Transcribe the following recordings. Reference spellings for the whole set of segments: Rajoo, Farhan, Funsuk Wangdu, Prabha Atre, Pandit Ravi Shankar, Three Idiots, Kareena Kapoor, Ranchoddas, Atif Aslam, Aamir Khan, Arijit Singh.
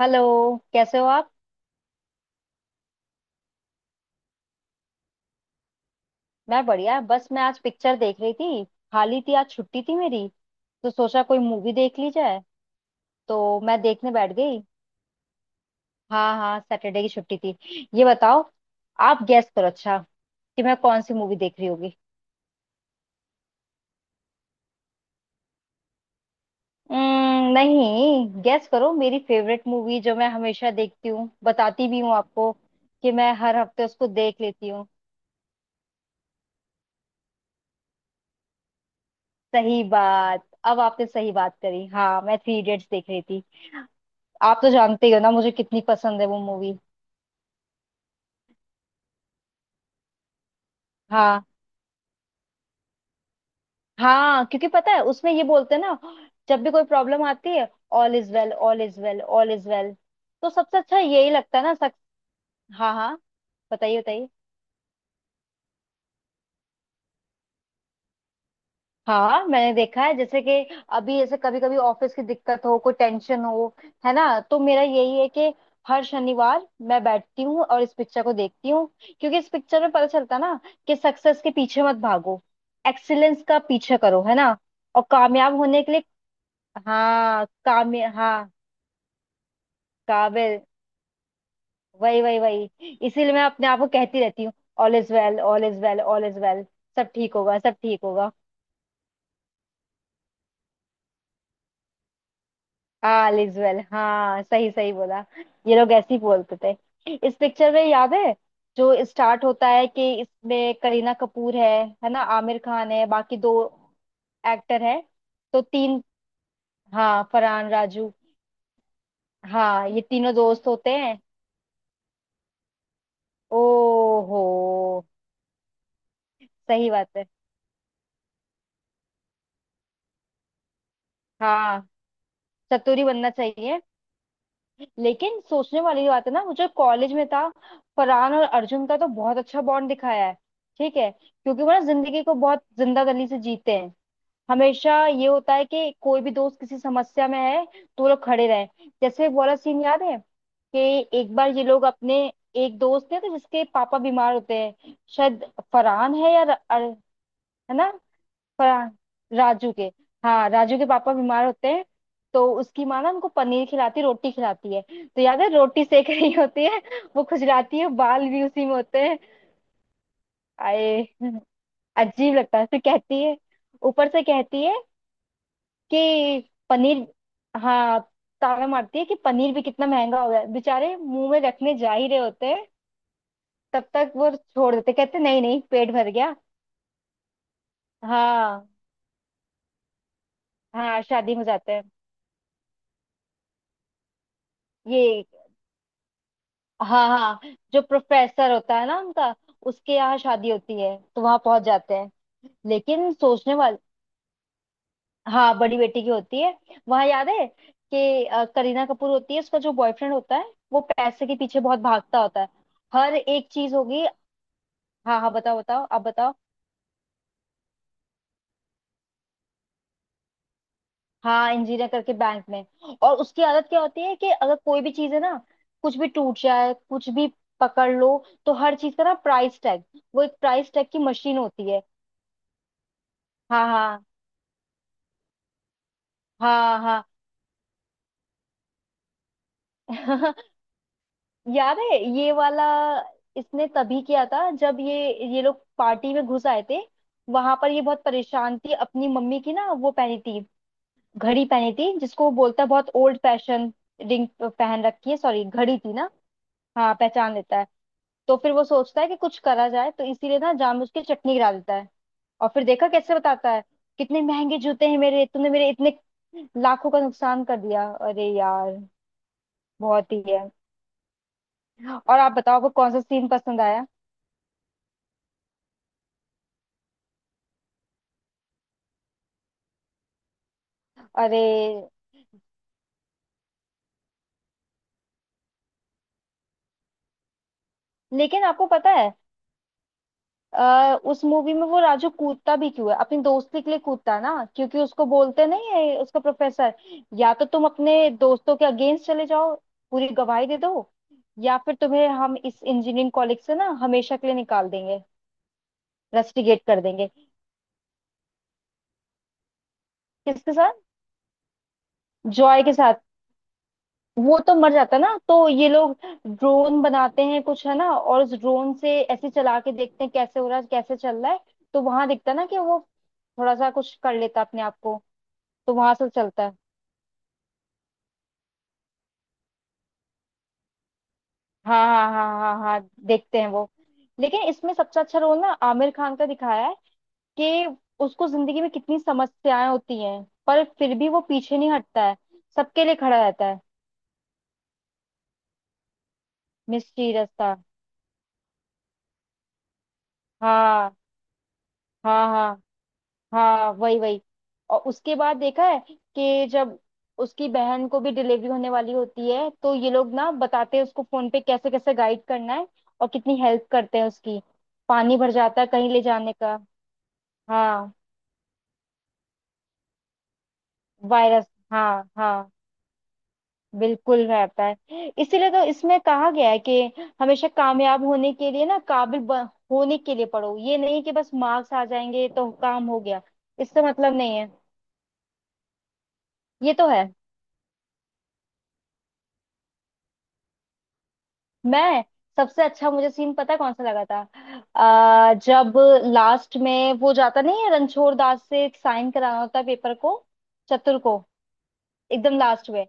Hello. कैसे हो आप? मैं बढ़िया, बस मैं आज पिक्चर देख रही थी। खाली थी, आज छुट्टी थी मेरी, तो सोचा कोई मूवी देख ली जाए, तो मैं देखने बैठ गई। हाँ हाँ, सैटरडे की छुट्टी थी। ये बताओ आप गैस करो, अच्छा, कि मैं कौन सी मूवी देख रही होगी। नहीं, गैस करो मेरी फेवरेट मूवी जो मैं हमेशा देखती हूँ, बताती भी हूँ आपको, कि मैं हर हफ्ते उसको देख लेती हूँ। सही बात, अब आपने सही बात करी। हाँ, मैं थ्री इडियट्स देख रही। आप तो जानते ही हो ना मुझे कितनी पसंद है वो मूवी। हाँ हाँ, क्योंकि पता है उसमें ये बोलते हैं ना, जब भी कोई प्रॉब्लम आती है, all is well all is well all is well. तो सबसे अच्छा यही लगता है ना सक... हाँ हाँ, बताइए बताइए। हाँ, मैंने देखा है। जैसे कि अभी ऐसे कभी कभी ऑफिस की दिक्कत हो, कोई टेंशन हो, है ना, तो मेरा यही है कि हर शनिवार मैं बैठती हूँ और इस पिक्चर को देखती हूँ। क्योंकि इस पिक्चर में पता चलता ना कि सक्सेस के पीछे मत भागो, एक्सीलेंस का पीछे करो, है ना। और कामयाब होने के लिए, हाँ कामया हाँ, काबिल। वही वही वही, इसीलिए मैं अपने आप को कहती रहती हूँ all is well all is well all is well. सब ठीक होगा, सब ठीक होगा। हाँ लिज्वेल, हाँ सही सही बोला। ये लोग ऐसे ही बोलते थे इस पिक्चर में, याद है। जो स्टार्ट होता है कि इसमें करीना कपूर है ना, आमिर खान है, बाकी दो एक्टर है। तो तीन, हाँ फरहान राजू। हाँ, ये तीनों दोस्त होते हैं। ओ हो। सही बात है। हाँ, चतुरी बनना चाहिए। लेकिन सोचने वाली बात है ना, मुझे कॉलेज में था फरहान और अर्जुन का तो बहुत अच्छा बॉन्ड दिखाया है। ठीक है, क्योंकि वो ना जिंदगी को बहुत जिंदा दिली से जीते हैं। हमेशा ये होता है कि कोई भी दोस्त किसी समस्या में है तो वो लोग खड़े रहे। जैसे वो वाला सीन याद है कि एक बार ये लोग अपने एक दोस्त थे, तो जिसके पापा बीमार होते हैं शायद। फरहान है या है ना, फरहान। राजू के, हाँ राजू के पापा बीमार होते हैं। तो उसकी माँ ना उनको पनीर खिलाती, रोटी खिलाती है। तो याद है रोटी सेक रही होती है, वो खुजलाती है, बाल भी उसी में होते हैं। आए, अजीब लगता है। फिर कहती है, ऊपर से कहती है कि पनीर, हाँ ताना मारती है कि पनीर भी कितना महंगा हो गया है। बेचारे मुंह में रखने जा ही रहे होते हैं, तब तक वो छोड़ देते, कहते नहीं नहीं पेट भर गया। हाँ हाँ, शादी में जाते हैं ये। हाँ हाँ, जो प्रोफेसर होता है ना उनका, उसके यहाँ शादी होती है, तो वहां पहुंच जाते हैं। लेकिन सोचने वाले, हाँ बड़ी बेटी की होती है। वहां याद है कि करीना कपूर होती है, उसका जो बॉयफ्रेंड होता है वो पैसे के पीछे बहुत भागता होता है। हर एक चीज होगी। हाँ हाँ, बताओ बताओ, आप बताओ। हाँ, इंजीनियर करके बैंक में। और उसकी आदत क्या होती है कि अगर कोई भी चीज है ना, कुछ भी टूट जाए, कुछ भी पकड़ लो, तो हर चीज का ना प्राइस टैग, वो एक प्राइस टैग की मशीन होती है। हाँ हाँ हाँ हाँ। याद है ये वाला? इसने तभी किया था जब ये लोग पार्टी में घुस आए थे। वहां पर ये बहुत परेशान थी अपनी मम्मी की ना, वो पहनी थी, घड़ी पहनी थी जिसको वो बोलता है बहुत ओल्ड फैशन। रिंग पहन रखी है, सॉरी घड़ी थी ना। हाँ पहचान लेता है। तो फिर वो सोचता है कि कुछ करा जाए, तो इसीलिए ना जामुन की चटनी गिरा देता है। और फिर देखा कैसे बताता है कितने महंगे जूते हैं मेरे, तुमने मेरे इतने लाखों का नुकसान कर दिया। अरे यार बहुत ही है। और आप बताओ, आपको कौन सा सीन पसंद आया? अरे लेकिन आपको पता है, उस मूवी में वो राजू कूदता भी क्यों है? अपनी दोस्ती के लिए कूदता है ना, क्योंकि उसको बोलते नहीं है उसका प्रोफेसर, या तो तुम अपने दोस्तों के अगेंस्ट चले जाओ, पूरी गवाही दे दो, या फिर तुम्हें हम इस इंजीनियरिंग कॉलेज से ना हमेशा के लिए निकाल देंगे, रस्टिकेट कर देंगे। किसके साथ? जॉय के साथ। वो तो मर जाता है ना, तो ये लोग ड्रोन बनाते हैं कुछ, है ना, और उस ड्रोन से ऐसे चला के देखते हैं कैसे हो रहा है, कैसे चल रहा है। तो वहां दिखता है ना कि वो थोड़ा सा कुछ कर लेता है अपने आप को, तो वहां से चलता है। हाँ हाँ हाँ हाँ हाँ, देखते हैं वो। लेकिन इसमें सबसे अच्छा रोल ना आमिर खान का दिखाया है कि उसको जिंदगी में कितनी समस्याएं होती हैं, पर फिर भी वो पीछे नहीं हटता है, सबके लिए खड़ा रहता है। मिस्टीरियस था। हाँ हाँ हाँ हाँ, वही वही। और उसके बाद देखा है कि जब उसकी बहन को भी डिलीवरी होने वाली होती है, तो ये लोग ना बताते हैं उसको फोन पे कैसे कैसे गाइड करना है, और कितनी हेल्प करते हैं उसकी। पानी भर जाता है, कहीं ले जाने का। हाँ, वायरस। हाँ हाँ, बिल्कुल रहता है। इसीलिए तो इसमें कहा गया है कि हमेशा कामयाब होने के लिए ना, काबिल होने के लिए पढ़ो, ये नहीं कि बस मार्क्स आ जाएंगे तो काम हो गया, इससे मतलब नहीं है। ये तो है। मैं सबसे अच्छा, मुझे सीन पता है कौन सा लगा था। जब लास्ट में वो जाता नहीं है, रणछोड़ दास से साइन कराना होता है पेपर को, चतुर को, एकदम लास्ट में।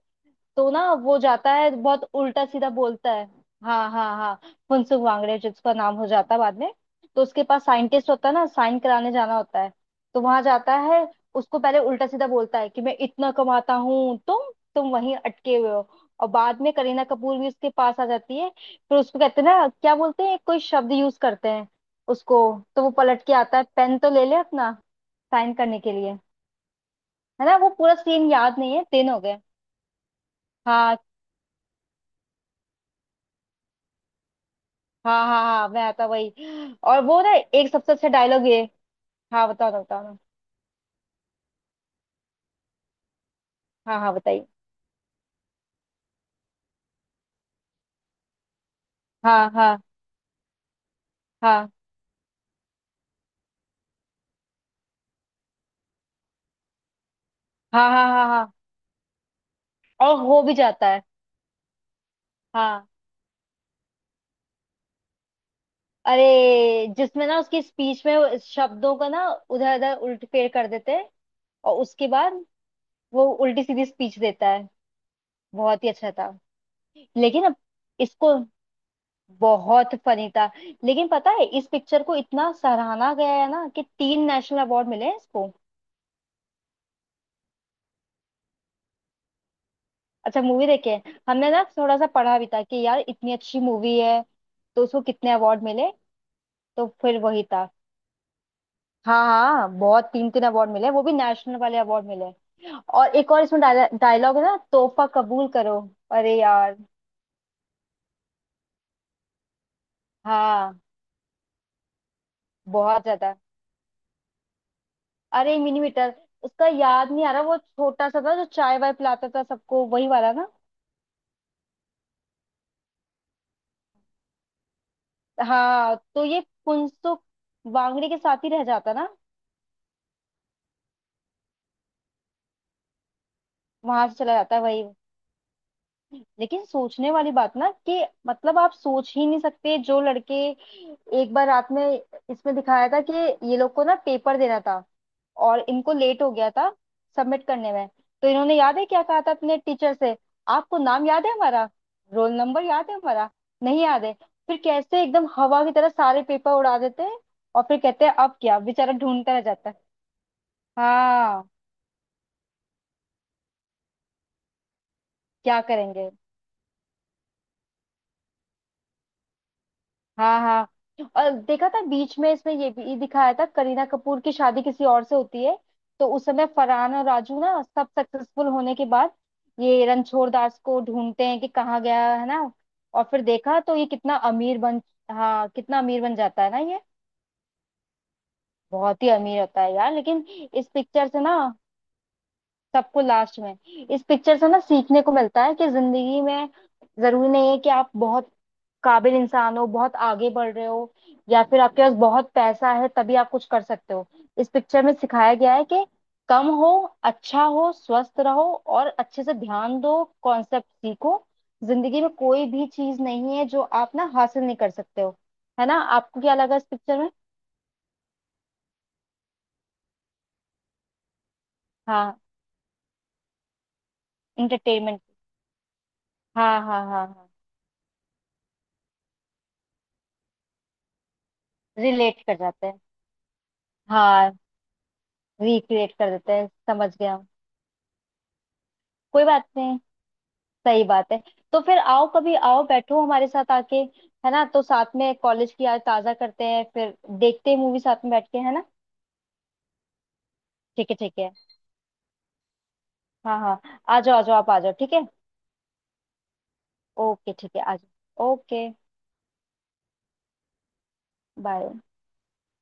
तो ना वो जाता है, बहुत उल्टा सीधा बोलता है। हाँ हाँ हाँ, फुनसुक वांगड़े जिसका नाम हो जाता है बाद में। तो उसके पास साइंटिस्ट होता है ना, साइन कराने जाना होता है, तो वहां जाता है। उसको पहले उल्टा सीधा बोलता है कि मैं इतना कमाता हूँ, तुम वहीं अटके हुए हो। और बाद में करीना कपूर भी उसके पास आ जाती है, फिर उसको कहते हैं ना, क्या बोलते हैं कोई शब्द यूज करते हैं उसको, तो वो पलट के आता है, पेन तो ले ले अपना, साइन करने के लिए। है ना, वो पूरा सीन याद नहीं है, दिन हो गए। हाँ हाँ हाँ हाँ, मैं आता वही। और वो ना एक सबसे अच्छा डायलॉग ये, हाँ बताओ ना बताओ ना। हाँ हाँ, बताइए। हाँ हाँ हाँ हाँ हाँ हाँ हाँ, और हो भी जाता है। हाँ। अरे, जिसमें ना उसकी स्पीच में वो शब्दों का ना उधर उधर उल्ट फेर कर देते हैं, और उसके बाद वो उल्टी सीधी स्पीच देता है, बहुत ही अच्छा था। लेकिन अब इसको बहुत फनी था। लेकिन पता है, इस पिक्चर को इतना सराहा गया है ना, कि तीन नेशनल अवार्ड मिले हैं इसको। अच्छा, मूवी देखे हैं हमने ना, थोड़ा सा पढ़ा भी था कि यार इतनी अच्छी मूवी है, तो उसको कितने अवार्ड मिले? तो फिर वही था। हाँ हाँ, बहुत, तीन तीन अवार्ड मिले, वो भी नेशनल वाले अवार्ड मिले। और एक और इसमें डायलॉग है ना, तोहफा कबूल करो। अरे यार हाँ, बहुत ज्यादा। अरे मिनीमीटर, उसका याद नहीं आ रहा, वो छोटा सा था जो चाय वाय पिलाता था सबको, वही वाला ना। हाँ, तो ये फुनसुक वांगड़ी के साथ ही रह जाता ना, वहां से चला जाता है वही। लेकिन सोचने वाली बात ना, कि मतलब आप सोच ही नहीं सकते जो लड़के, एक बार रात में इसमें दिखाया था कि ये लोग को ना पेपर देना था, और इनको लेट हो गया था सबमिट करने में। तो इन्होंने याद है क्या कहा था अपने टीचर से? आपको नाम याद है हमारा? रोल नंबर याद है हमारा? नहीं याद है। फिर कैसे एकदम हवा की तरह सारे पेपर उड़ा देते हैं, और फिर कहते हैं अब क्या, बेचारा ढूंढता रह जाता है। हाँ, क्या करेंगे। हाँ हाँ, और देखा था बीच में इसमें ये भी दिखाया था, करीना कपूर की शादी किसी और से होती है। तो उस समय फरहान और राजू ना, सब सक्सेसफुल होने के बाद ये रणछोड़ दास को ढूंढते हैं कि कहाँ गया है ना। और फिर देखा तो ये कितना अमीर बन, हाँ कितना अमीर बन जाता है ना ये, बहुत ही अमीर होता है यार। लेकिन इस पिक्चर से ना सबको, लास्ट में इस पिक्चर से ना सीखने को मिलता है कि जिंदगी में जरूरी नहीं है कि आप बहुत काबिल इंसान हो, बहुत आगे बढ़ रहे हो, या फिर आपके पास बहुत पैसा है तभी आप कुछ कर सकते हो। इस पिक्चर में सिखाया गया है कि कम हो, अच्छा हो, स्वस्थ रहो, और अच्छे से ध्यान दो, कॉन्सेप्ट सीखो। जिंदगी में कोई भी चीज नहीं है जो आप ना हासिल नहीं कर सकते हो। है ना, आपको क्या लगा इस पिक्चर में? हाँ, इंटरटेनमेंट। हाँ हाँ हाँ हाँ, रिलेट कर जाते हैं। हाँ, रिक्रिएट कर देते हैं, समझ गया। कोई बात नहीं, सही बात है। तो फिर आओ, कभी आओ, बैठो हमारे साथ आके, है ना। तो साथ में कॉलेज की याद ताजा करते हैं, फिर देखते हैं मूवी साथ में बैठ के, है ना। ठीक है ठीक है, हाँ हाँ, आ जाओ आ जाओ, आप आ जाओ, ठीक है। ओके ठीक है, आ जाओ, ओके। बाय।